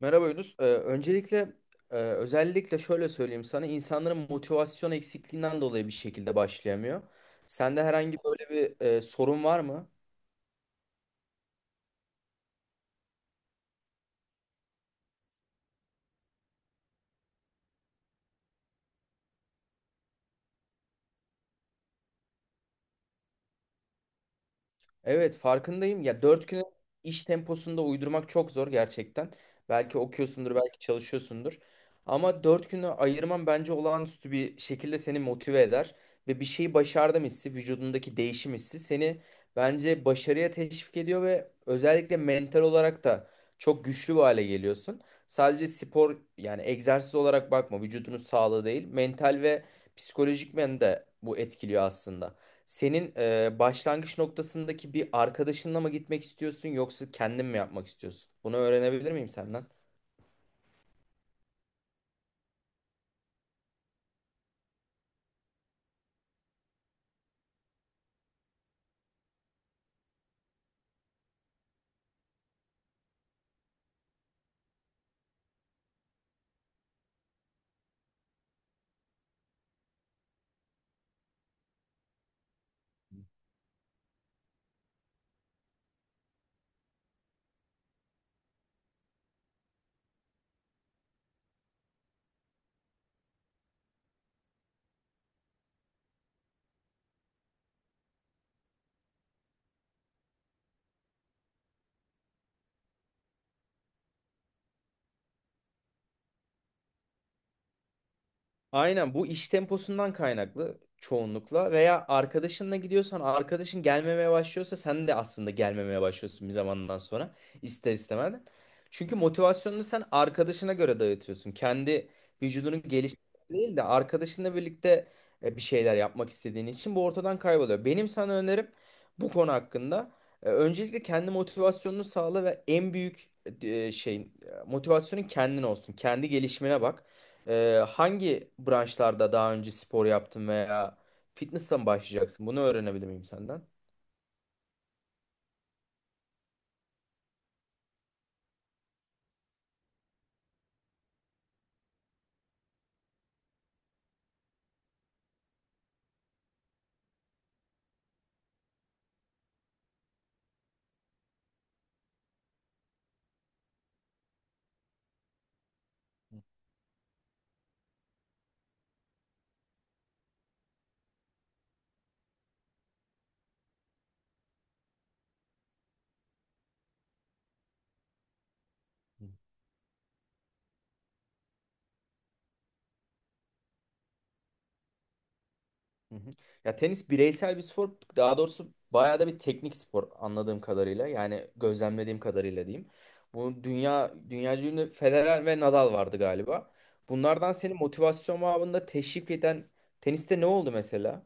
Merhaba Yunus. Öncelikle özellikle şöyle söyleyeyim sana, insanların motivasyon eksikliğinden dolayı bir şekilde başlayamıyor. Sende herhangi böyle bir sorun var mı? Evet, farkındayım. Ya, dört güne iş temposunda uydurmak çok zor gerçekten. Belki okuyorsundur, belki çalışıyorsundur. Ama dört günü ayırman bence olağanüstü bir şekilde seni motive eder. Ve bir şeyi başardım hissi, vücudundaki değişim hissi seni bence başarıya teşvik ediyor ve özellikle mental olarak da çok güçlü bir hale geliyorsun. Sadece spor yani egzersiz olarak bakma, vücudunun sağlığı değil, mental ve psikolojik men de bu etkiliyor aslında. Senin başlangıç noktasındaki bir arkadaşınla mı gitmek istiyorsun yoksa kendin mi yapmak istiyorsun? Bunu öğrenebilir miyim senden? Aynen, bu iş temposundan kaynaklı çoğunlukla veya arkadaşınla gidiyorsan arkadaşın gelmemeye başlıyorsa sen de aslında gelmemeye başlıyorsun bir zamandan sonra ister istemez. Çünkü motivasyonunu sen arkadaşına göre dağıtıyorsun. Kendi vücudunun gelişmesi değil de arkadaşınla birlikte bir şeyler yapmak istediğin için bu ortadan kayboluyor. Benim sana önerim bu konu hakkında öncelikle kendi motivasyonunu sağla ve en büyük şeyin motivasyonun kendin olsun. Kendi gelişimine bak. Hangi branşlarda daha önce spor yaptın veya fitness'la mı başlayacaksın? Bunu öğrenebilir miyim senden? Hı hı. Ya, tenis bireysel bir spor. Daha doğrusu bayağı da bir teknik spor anladığım kadarıyla. Yani gözlemlediğim kadarıyla diyeyim. Bu dünyaca ünlü Federer ve Nadal vardı galiba. Bunlardan seni motivasyon babında teşvik eden teniste ne oldu mesela?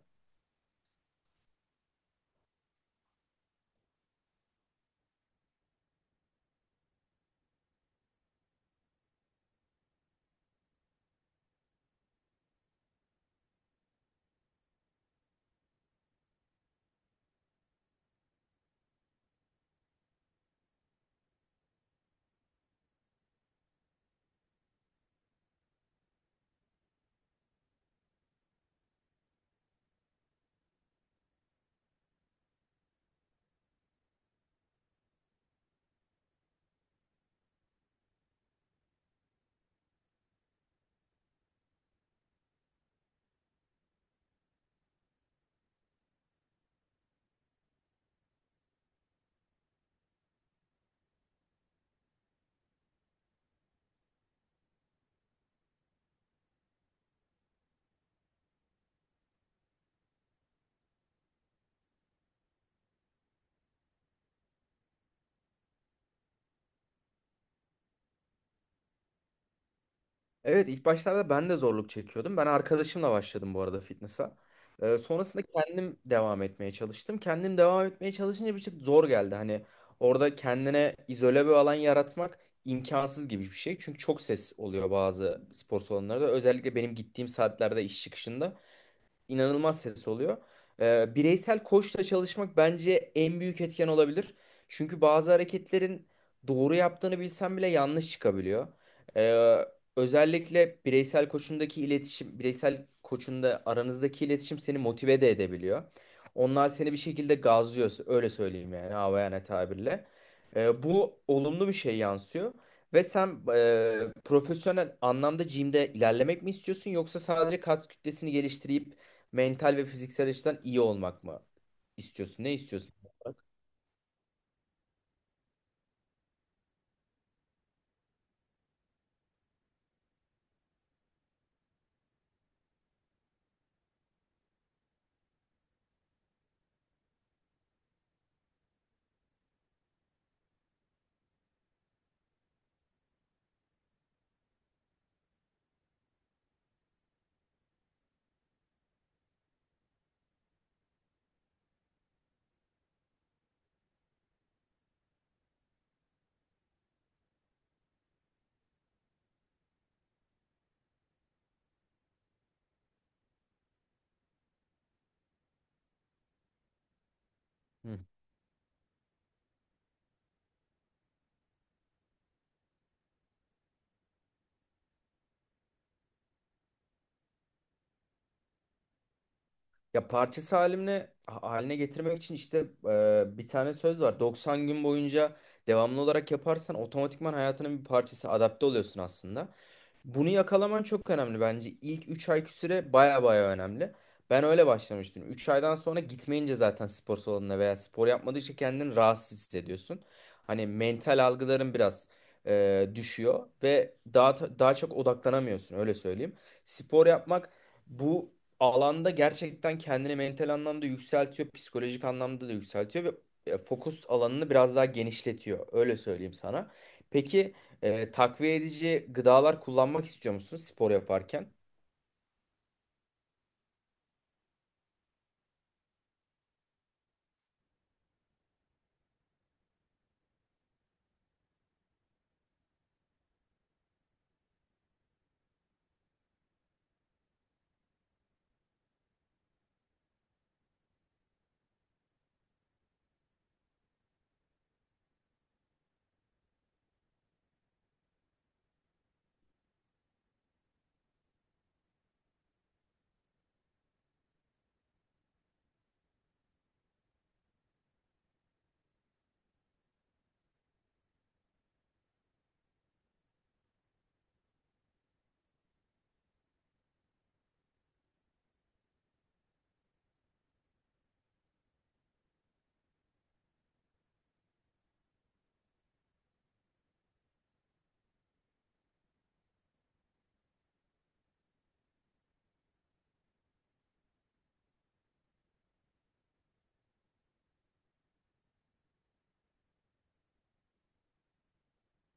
Evet, ilk başlarda ben de zorluk çekiyordum. Ben arkadaşımla başladım bu arada fitness'a. Sonrasında kendim devam etmeye çalıştım. Kendim devam etmeye çalışınca bir şey zor geldi. Hani orada kendine izole bir alan yaratmak imkansız gibi bir şey. Çünkü çok ses oluyor bazı spor salonlarda. Özellikle benim gittiğim saatlerde iş çıkışında inanılmaz ses oluyor. Bireysel koçla çalışmak bence en büyük etken olabilir. Çünkü bazı hareketlerin doğru yaptığını bilsen bile yanlış çıkabiliyor. Ee, Özellikle bireysel koçundaki iletişim, bireysel koçunda aranızdaki iletişim seni motive de edebiliyor. Onlar seni bir şekilde gazlıyor, öyle söyleyeyim, yani havayana tabirle. Bu olumlu bir şey yansıyor. Ve sen profesyonel anlamda gym'de ilerlemek mi istiyorsun yoksa sadece kas kütlesini geliştirip mental ve fiziksel açıdan iyi olmak mı istiyorsun? Ne istiyorsun? Hı. Ya, parçası haline getirmek için işte bir tane söz var. 90 gün boyunca devamlı olarak yaparsan otomatikman hayatının bir parçası adapte oluyorsun aslında. Bunu yakalaman çok önemli bence. İlk 3 ayki süre baya baya önemli. Ben öyle başlamıştım. 3 aydan sonra gitmeyince zaten spor salonuna veya spor yapmadıkça kendini rahatsız hissediyorsun. Hani mental algıların biraz düşüyor ve daha çok odaklanamıyorsun öyle söyleyeyim. Spor yapmak bu alanda gerçekten kendini mental anlamda yükseltiyor, psikolojik anlamda da yükseltiyor ve fokus alanını biraz daha genişletiyor öyle söyleyeyim sana. Peki, takviye edici gıdalar kullanmak istiyor musunuz spor yaparken?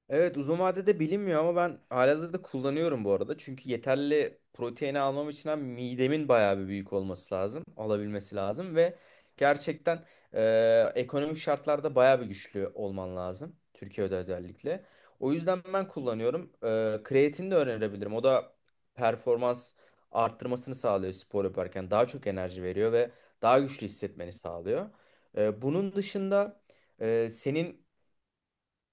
Evet, uzun vadede bilinmiyor ama ben halihazırda kullanıyorum bu arada. Çünkü yeterli proteini almam için hem midemin bayağı bir büyük olması lazım. Alabilmesi lazım ve gerçekten ekonomik şartlarda bayağı bir güçlü olman lazım. Türkiye'de özellikle. O yüzden ben kullanıyorum. E, kreatin de önerebilirim. O da performans arttırmasını sağlıyor spor yaparken. Daha çok enerji veriyor ve daha güçlü hissetmeni sağlıyor. E, bunun dışında... Senin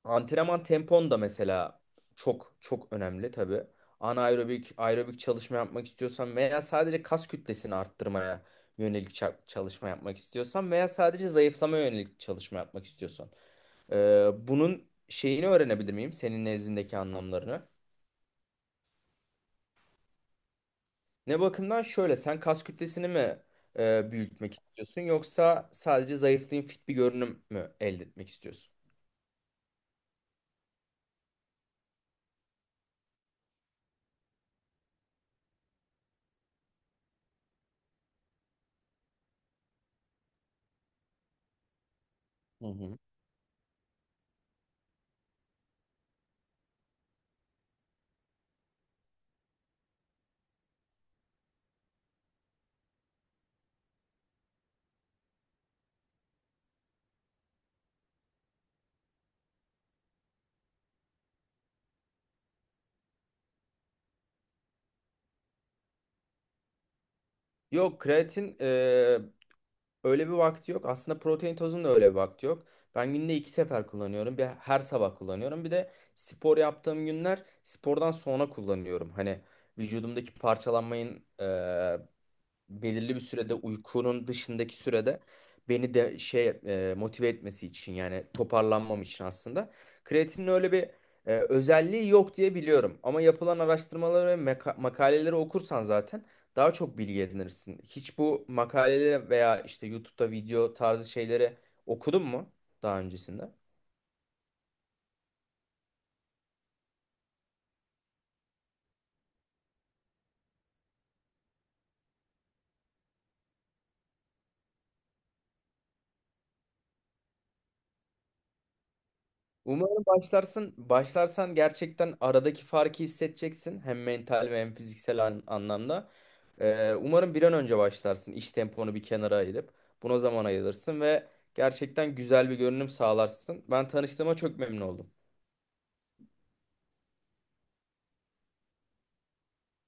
antrenman tempon da mesela çok çok önemli tabii. Anaerobik, aerobik çalışma yapmak istiyorsan veya sadece kas kütlesini arttırmaya yönelik çalışma yapmak istiyorsan veya sadece zayıflamaya yönelik çalışma yapmak istiyorsan. Bunun şeyini öğrenebilir miyim? Senin nezdindeki anlamlarını. Ne bakımdan şöyle, sen kas kütlesini mi büyütmek istiyorsun yoksa sadece zayıflayayım fit bir görünüm mü elde etmek istiyorsun? Hı hı. Yok, kreatin öyle bir vakti yok. Aslında protein tozun da öyle bir vakti yok. Ben günde iki sefer kullanıyorum. Bir, her sabah kullanıyorum. Bir de spor yaptığım günler spordan sonra kullanıyorum. Hani vücudumdaki parçalanmayın belirli bir sürede uykunun dışındaki sürede beni de şey motive etmesi için, yani toparlanmam için aslında. Kreatinin öyle bir özelliği yok diye biliyorum. Ama yapılan araştırmaları ve makaleleri okursan zaten daha çok bilgi edinirsin. Hiç bu makaleleri veya işte YouTube'da video tarzı şeyleri okudun mu daha öncesinde? Umarım başlarsın. Başlarsan gerçekten aradaki farkı hissedeceksin. Hem mental ve hem fiziksel anlamda. Umarım bir an önce başlarsın. İş temponu bir kenara ayırıp buna zaman ayırırsın ve gerçekten güzel bir görünüm sağlarsın. Ben tanıştığıma çok memnun oldum.